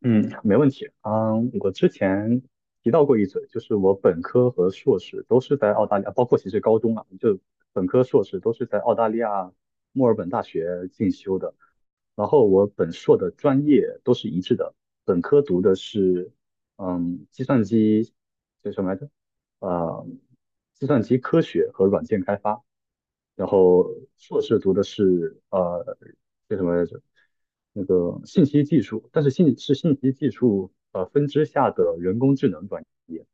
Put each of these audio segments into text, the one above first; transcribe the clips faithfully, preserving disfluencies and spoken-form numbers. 嗯，没问题。嗯，我之前提到过一嘴，就是我本科和硕士都是在澳大利亚，包括其实高中啊，就本科、硕士都是在澳大利亚墨尔本大学进修的。然后我本硕的专业都是一致的，本科读的是嗯计算机叫什么来着？呃，计算机科学和软件开发。然后硕士读的是呃叫什么来着？那个信息技术，但是信是信息技术呃分支下的人工智能专业。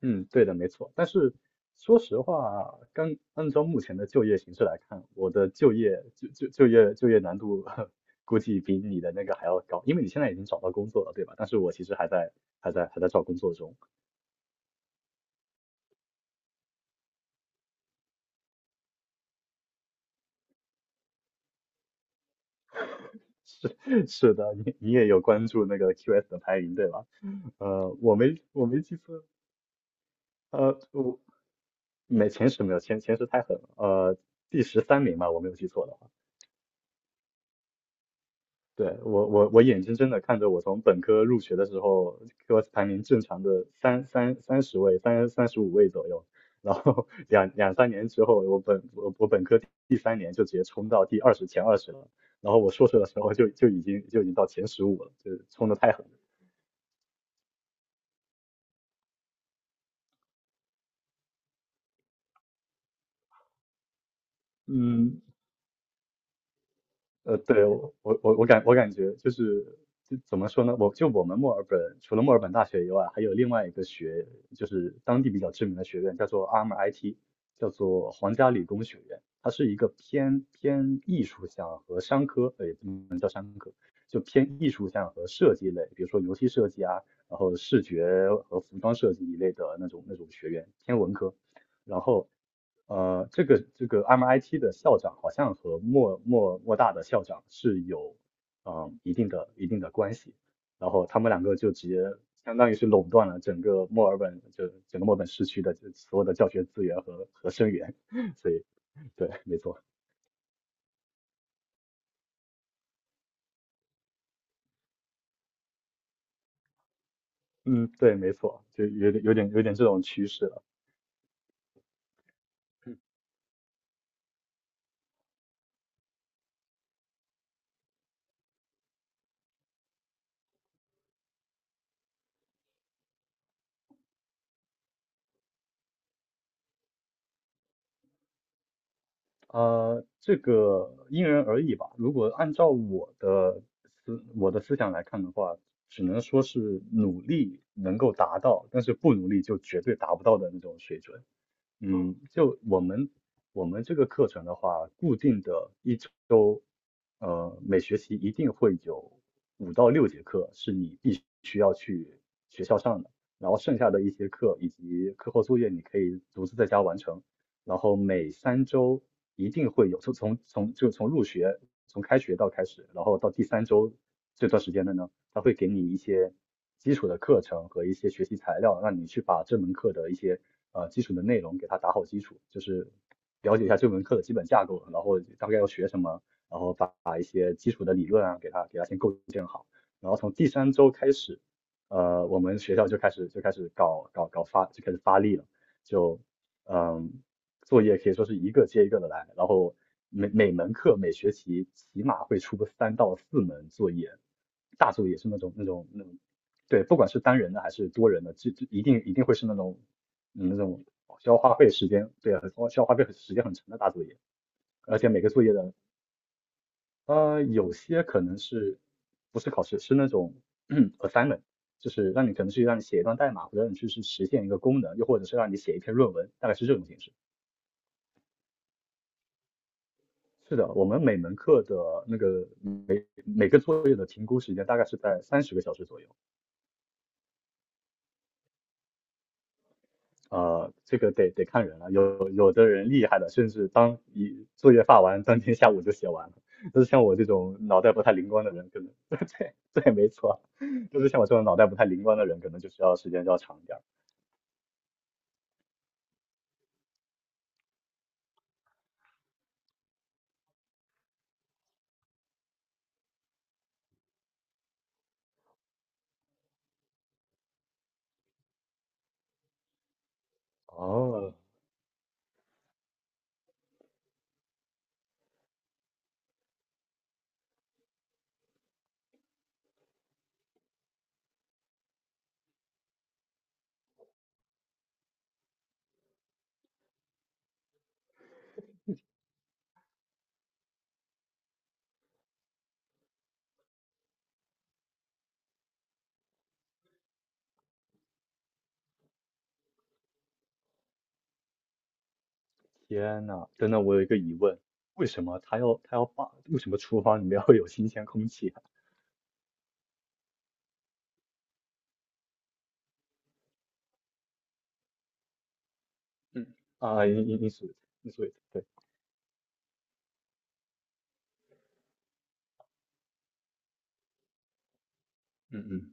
嗯，对的，没错。但是说实话，刚按照目前的就业形势来看，我的就业就就就业就业难度 估计比你的那个还要高，因为你现在已经找到工作了，对吧？但是我其实还在还在还在找工作中。是是的，你你也有关注那个 Q S 的排名，对吧？呃，我没我没记错，呃，我没前十没有前前十太狠了，呃，第十三名吧，我没有记错的话。对，我我我眼睁睁的看着我从本科入学的时候，给我排名正常的三三三十位，三三十五位左右，然后 两两三年之后，我本我我本科第三年就直接冲到第二十前二十了，然后我硕士的时候就就已经就已经到前十五了，就是冲的太狠了。嗯，呃，对，我我我我感我感觉就是就怎么说呢？我就我们墨尔本除了墨尔本大学以外，还有另外一个学，就是当地比较知名的学院，叫做 A R M I T，叫做皇家理工学院。它是一个偏偏艺术向和商科，呃，就偏艺术向和设计类，比如说游戏设计啊，然后视觉和服装设计一类的那种那种学院，偏文科。然后呃，这个这个 M I T 的校长好像和莫莫莫大的校长是有嗯一定的一定的关系，然后他们两个就直接相当于是垄断了整个墨尔本，就整个墨尔本市区的这所有的教学资源和和生源，所以对，没错，嗯，对，没错，就有点有点有点这种趋势了。呃，这个因人而异吧。如果按照我的思我的思想来看的话，只能说是努力能够达到，但是不努力就绝对达不到的那种水准。嗯，就我们我们这个课程的话，固定的一周，呃，每学期一定会有五到六节课是你必须要去学校上的，然后剩下的一些课以及课后作业你可以独自在家完成。然后每三周一定会有，从从从就从入学从开学到开始，然后到第三周这段时间的呢。他会给你一些基础的课程和一些学习材料，让你去把这门课的一些呃基础的内容给它打好基础，就是了解一下这门课的基本架构，然后大概要学什么，然后把把一些基础的理论啊给它给它先构建好，然后从第三周开始，呃，我们学校就开始就开始搞搞搞发就开始发力了，就嗯作业可以说是一个接一个的来，然后每每门课每学期起码会出个三到四门作业，大作业是那种那种那种，对，不管是单人的还是多人的，就就一定一定会是那种嗯那种需要花费时间，对啊，需要花费时间很长的大作业，而且每个作业的呃有些可能是不是考试，是那种 assignment。就是让你可能去让你写一段代码，或者让你去去实现一个功能，又或者是让你写一篇论文，大概是这种形式。是的，我们每门课的那个每每个作业的评估时间大概是在三十个小时左右。呃，这个得得看人了，有有的人厉害的，甚至当一作业发完，当天下午就写完了。但是像我这种脑袋不太灵光的人，可能 对对，没错，就是像我这种脑袋不太灵光的人，可能就需要时间就要长一点儿。哦，天呐，真的，我有一个疑问，为什么他要他要把为什么厨房里面会有新鲜空气啊？嗯。啊，因因因属于你属于对，嗯嗯。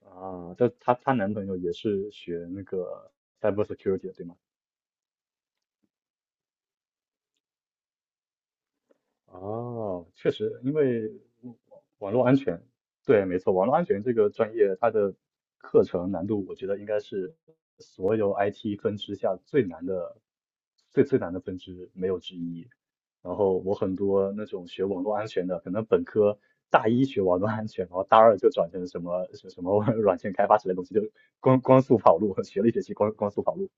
啊，这她她男朋友也是学那个 cyber security 的，对吗？哦，确实，因为网络安全，对，没错，网络安全这个专业它的课程难度，我觉得应该是所有 I T 分支下最难的、最最难的分支，没有之一。然后我很多那种学网络安全的，可能本科大一学网络安全，然后大二就转成什么什什么 软件开发之类的东西，就光光速跑路，学了一学期光光速跑路。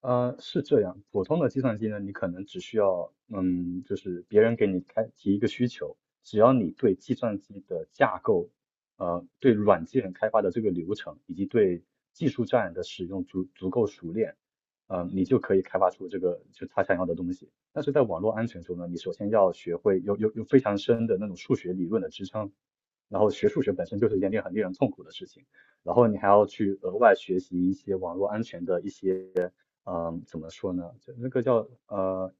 呃，是这样，普通的计算机呢，你可能只需要，嗯，就是别人给你开提一个需求，只要你对计算机的架构，呃，对软件开发的这个流程，以及对技术栈的使用足足够熟练，呃，你就可以开发出这个就他想要的东西。但是在网络安全中呢，你首先要学会有有有非常深的那种数学理论的支撑，然后学数学本身就是一件令很令人痛苦的事情。然后你还要去额外学习一些网络安全的一些，嗯，怎么说呢？就那个叫呃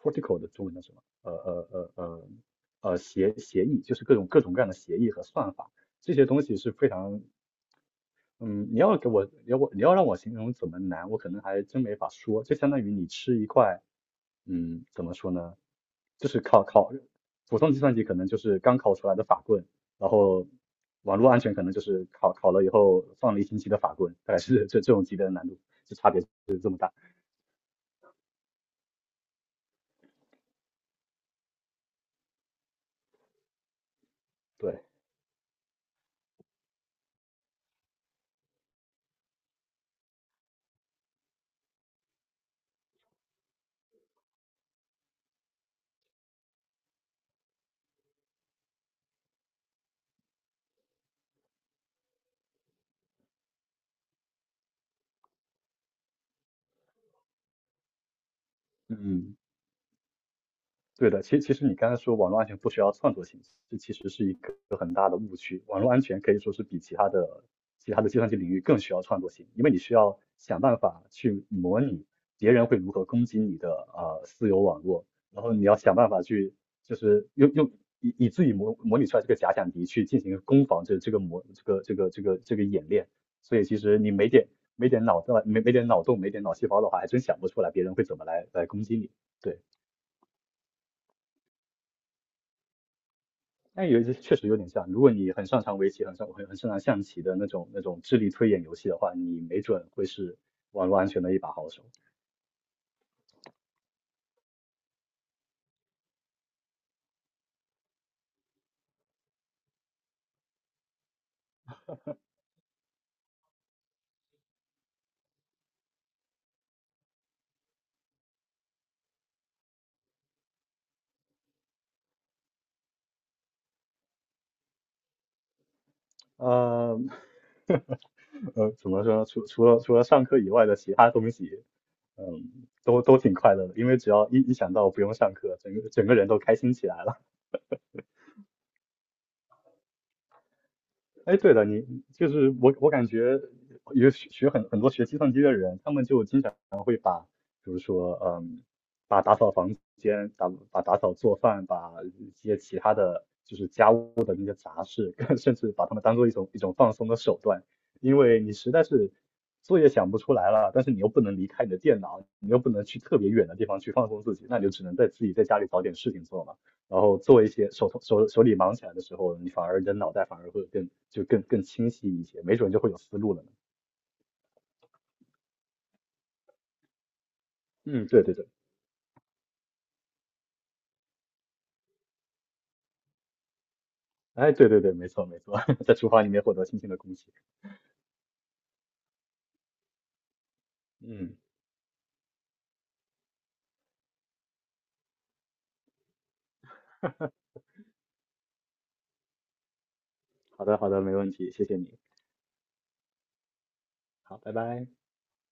protocol 的中文叫什么？呃呃呃呃呃协协议，就是各种各种各样的协议和算法，这些东西是非常，嗯，你要给我，你要我，你要让我形容怎么难，我可能还真没法说。就相当于你吃一块，嗯，怎么说呢？就是考考普通计算机可能就是刚考出来的法棍，然后网络安全可能就是考考了以后放了一星期的法棍，大概是这这种级别的难度，就差别是这么大。对，嗯，对的。其其实你刚才说网络安全不需要创作性，这其实是一个区，网络安全可以说是比其他的其他的计算机领域更需要创作性，因为你需要想办法去模拟别人会如何攻击你的呃私有网络，然后你要想办法去就是用用以以自己模模拟出来这个假想敌去进行攻防这这个模这个这个这个这个演练，所以其实你没点没点脑洞没没点脑洞没点脑细胞的话，还真想不出来别人会怎么来来攻击你，对。但有一只确实有点像，如果你很擅长围棋，很擅很很擅长象棋的那种那种智力推演游戏的话，你没准会是网络安全的一把好手。呃呃，怎么说呢？除除了除了上课以外的其他东西，嗯，都都挺快乐的，因为只要一一想到不用上课，整个整个人都开心起来了。哎，对了，你就是我我感觉有学学很很多学计算机的人，他们就经常。比如说，嗯，把打扫房间、打把打扫、做饭、把一些其他的就是家务的那些杂事，甚至把它们当做一种一种放松的手段，因为你实在是作业想不出来了，但是你又不能离开你的电脑，你又不能去特别远的地方去放松自己，那你就只能在自己在家里找点事情做嘛，然后做一些手头手手里忙起来的时候，你反而你的脑袋反而会更就更更清晰一些，没准就会有思路了呢。嗯，对对对。哎，对对对，没错没错，在厨房里面获得新鲜的空气。嗯，好的好的，没问题，谢谢你。好，拜拜。